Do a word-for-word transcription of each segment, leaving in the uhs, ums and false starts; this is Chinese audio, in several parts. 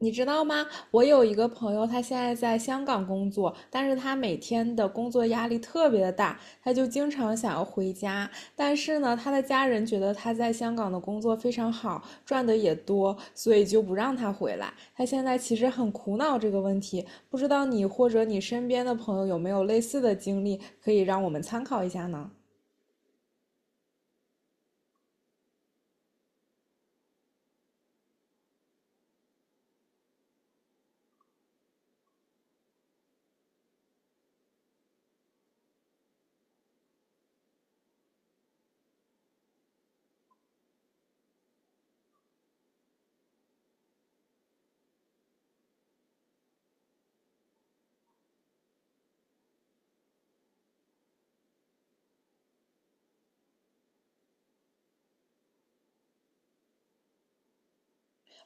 你知道吗？我有一个朋友，他现在在香港工作，但是他每天的工作压力特别的大，他就经常想要回家。但是呢，他的家人觉得他在香港的工作非常好，赚的也多，所以就不让他回来。他现在其实很苦恼这个问题，不知道你或者你身边的朋友有没有类似的经历，可以让我们参考一下呢？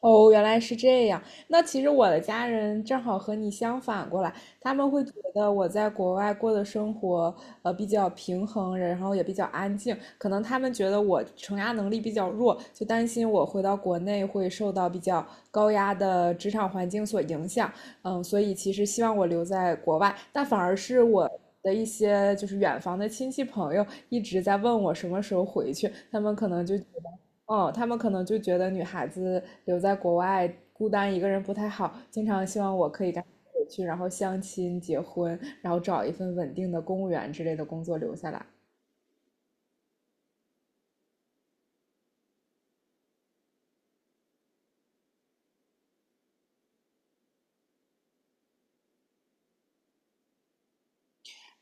哦，原来是这样。那其实我的家人正好和你相反过来，他们会觉得我在国外过的生活，呃，比较平衡，然后也比较安静。可能他们觉得我承压能力比较弱，就担心我回到国内会受到比较高压的职场环境所影响，嗯，所以其实希望我留在国外，但反而是我的一些就是远房的亲戚朋友一直在问我什么时候回去，他们可能就觉得，嗯，他们可能就觉得女孩子留在国外孤单一个人不太好，经常希望我可以赶紧回去，然后相亲、结婚，然后找一份稳定的公务员之类的工作留下来。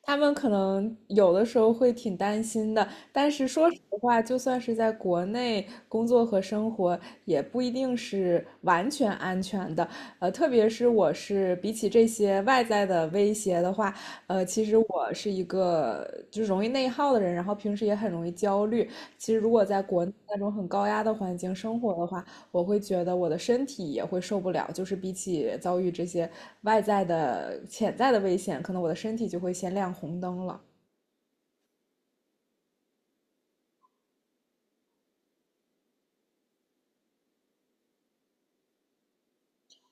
他们可能有的时候会挺担心的，但是说实话，就算是在国内工作和生活，也不一定是完全安全的。呃，特别是我是比起这些外在的威胁的话，呃，其实我是一个就是容易内耗的人，然后平时也很容易焦虑。其实如果在国内那种很高压的环境生活的话，我会觉得我的身体也会受不了。就是比起遭遇这些外在的潜在的危险，可能我的身体就会先亮红灯了。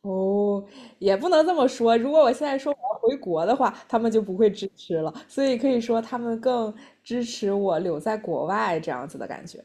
哦，也不能这么说。如果我现在说我要回国的话，他们就不会支持了。所以可以说他们更支持我留在国外这样子的感觉。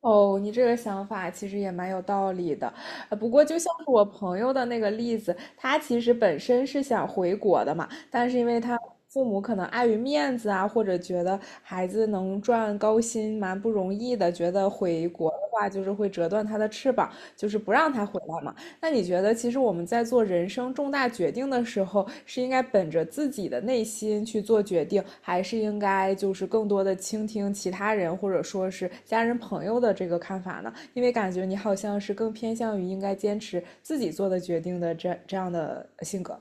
哦，你这个想法其实也蛮有道理的，呃，不过就像是我朋友的那个例子，他其实本身是想回国的嘛，但是因为他父母可能碍于面子啊，或者觉得孩子能赚高薪蛮不容易的，觉得回国的话就是会折断他的翅膀，就是不让他回来嘛。那你觉得，其实我们在做人生重大决定的时候，是应该本着自己的内心去做决定，还是应该就是更多的倾听其他人或者说是家人朋友的这个看法呢？因为感觉你好像是更偏向于应该坚持自己做的决定的这这样的性格。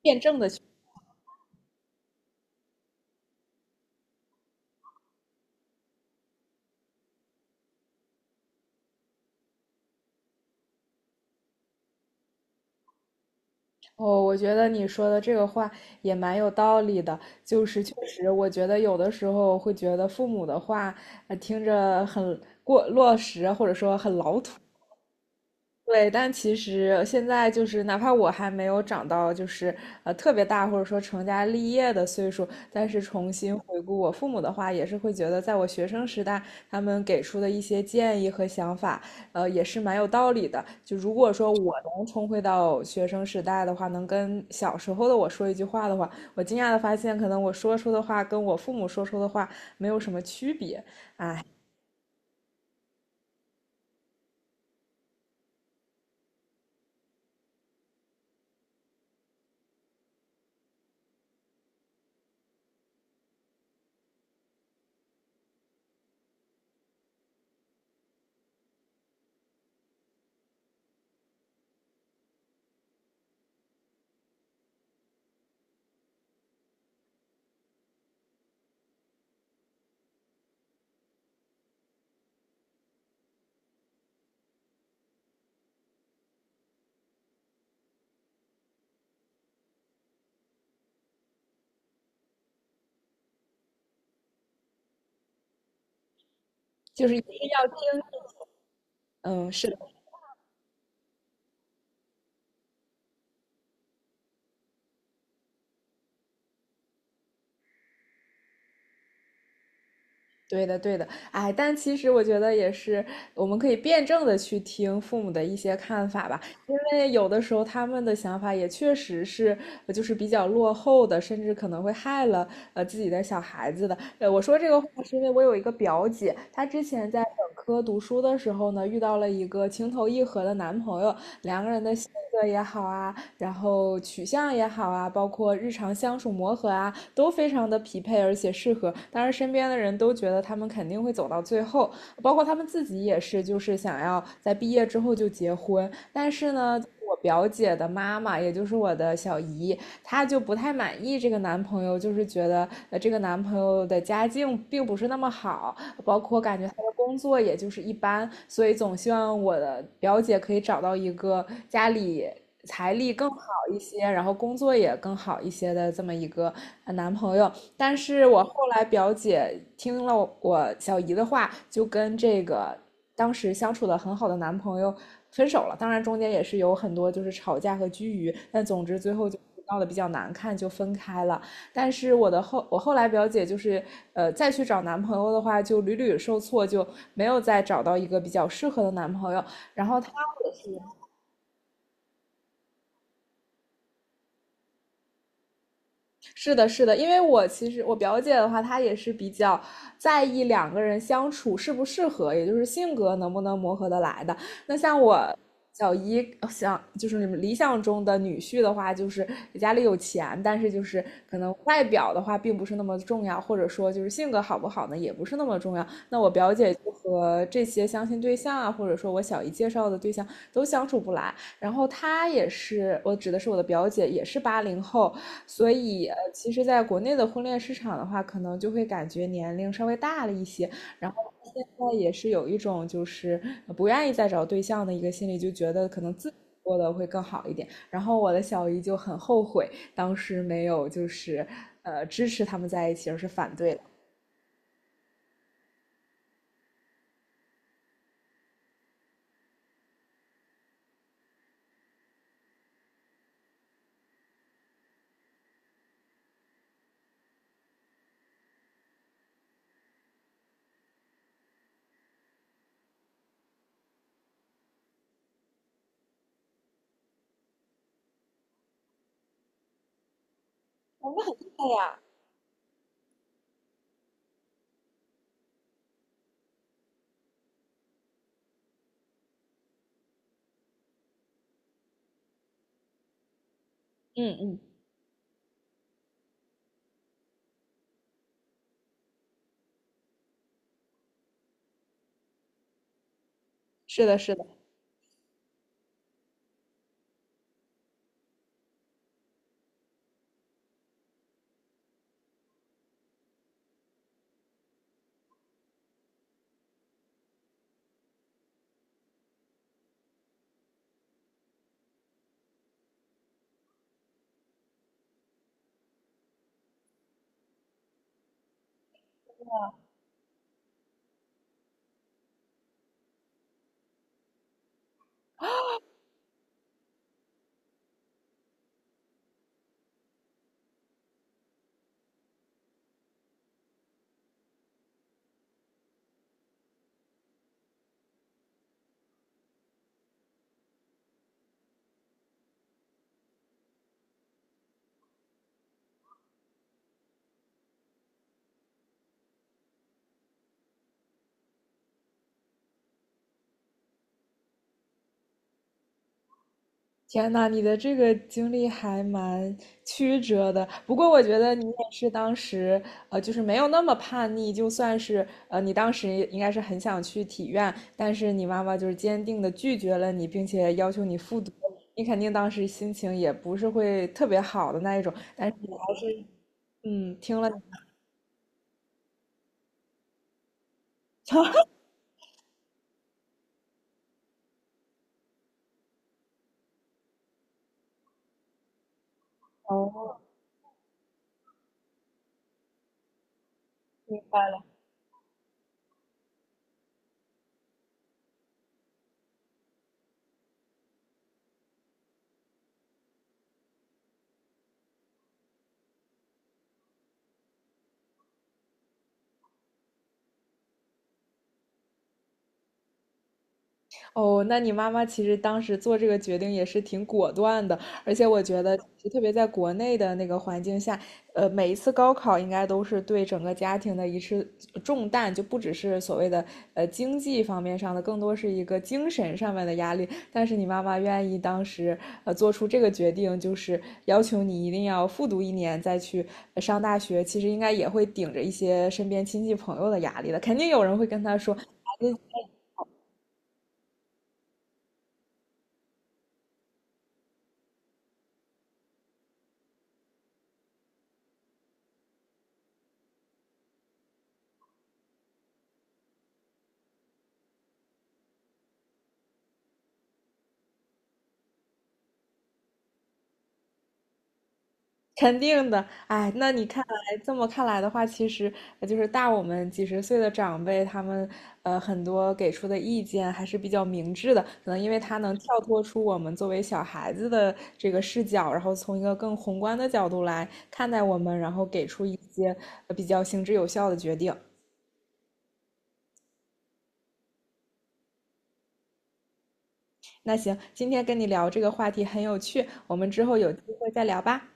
辩证的去哦，我觉得你说的这个话也蛮有道理的。就是确实，我觉得有的时候会觉得父母的话，呃，听着很过落实，或者说很老土。对，但其实现在就是，哪怕我还没有长到就是呃特别大，或者说成家立业的岁数，但是重新回顾我父母的话，也是会觉得，在我学生时代，他们给出的一些建议和想法，呃，也是蛮有道理的。就如果说我能重回到学生时代的话，能跟小时候的我说一句话的话，我惊讶的发现，可能我说出的话跟我父母说出的话没有什么区别，就是一定要听。嗯，是对的，对的，哎，但其实我觉得也是，我们可以辩证的去听父母的一些看法吧，因为有的时候他们的想法也确实是，呃就是比较落后的，甚至可能会害了呃自己的小孩子的。呃，我说这个话是因为我有一个表姐，她之前在本科读书的时候呢，遇到了一个情投意合的男朋友，两个人的性格也好啊，然后取向也好啊，包括日常相处磨合啊，都非常的匹配而且适合。当然，身边的人都觉得他们肯定会走到最后，包括他们自己也是，就是想要在毕业之后就结婚。但是呢，我表姐的妈妈，也就是我的小姨，她就不太满意这个男朋友，就是觉得呃这个男朋友的家境并不是那么好，包括感觉他的工作也就是一般，所以总希望我的表姐可以找到一个家里财力更好一些，然后工作也更好一些的这么一个呃男朋友。但是我后来表姐听了我小姨的话，就跟这个当时相处的很好的男朋友分手了。当然中间也是有很多就是吵架和拘龉，但总之最后就闹得比较难看，就分开了。但是我的后我后来表姐就是呃再去找男朋友的话，就屡屡受挫，就没有再找到一个比较适合的男朋友。然后她是的，是的，因为我其实我表姐的话，她也是比较在意两个人相处适不适合，也就是性格能不能磨合得来的。那像我小姨呃想就是你们理想中的女婿的话，就是家里有钱，但是就是可能外表的话并不是那么重要，或者说就是性格好不好呢，也不是那么重要。那我表姐就和这些相亲对象啊，或者说我小姨介绍的对象都相处不来。然后她也是，我指的是我的表姐，也是八零后，所以，呃，其实，在国内的婚恋市场的话，可能就会感觉年龄稍微大了一些，然后现在也是有一种就是呃不愿意再找对象的一个心理，就觉得可能自己过得会更好一点。然后我的小姨就很后悔当时没有就是呃支持他们在一起，而是反对了。嗯嗯，是的，是的。天呐，你的这个经历还蛮曲折的。不过我觉得你也是当时，呃，就是没有那么叛逆，就算是呃，你当时应该是很想去体院，但是你妈妈就是坚定的拒绝了你，并且要求你复读。你肯定当时心情也不是会特别好的那一种，但是你还是嗯听了。哦，明白了。哦，那你妈妈其实当时做这个决定也是挺果断的，而且我觉得，特别在国内的那个环境下，呃，每一次高考应该都是对整个家庭的一次重担，就不只是所谓的呃经济方面上的，更多是一个精神上面的压力。但是你妈妈愿意当时呃做出这个决定，就是要求你一定要复读一年再去呃上大学，其实应该也会顶着一些身边亲戚朋友的压力的，肯定有人会跟她说，肯定的，哎，那你看来这么看来的话，其实呃就是大我们几十岁的长辈，他们呃很多给出的意见还是比较明智的，可能因为他能跳脱出我们作为小孩子的这个视角，然后从一个更宏观的角度来看待我们，然后给出一些呃比较行之有效的决定。那行，今天跟你聊这个话题很有趣，我们之后有机会再聊吧。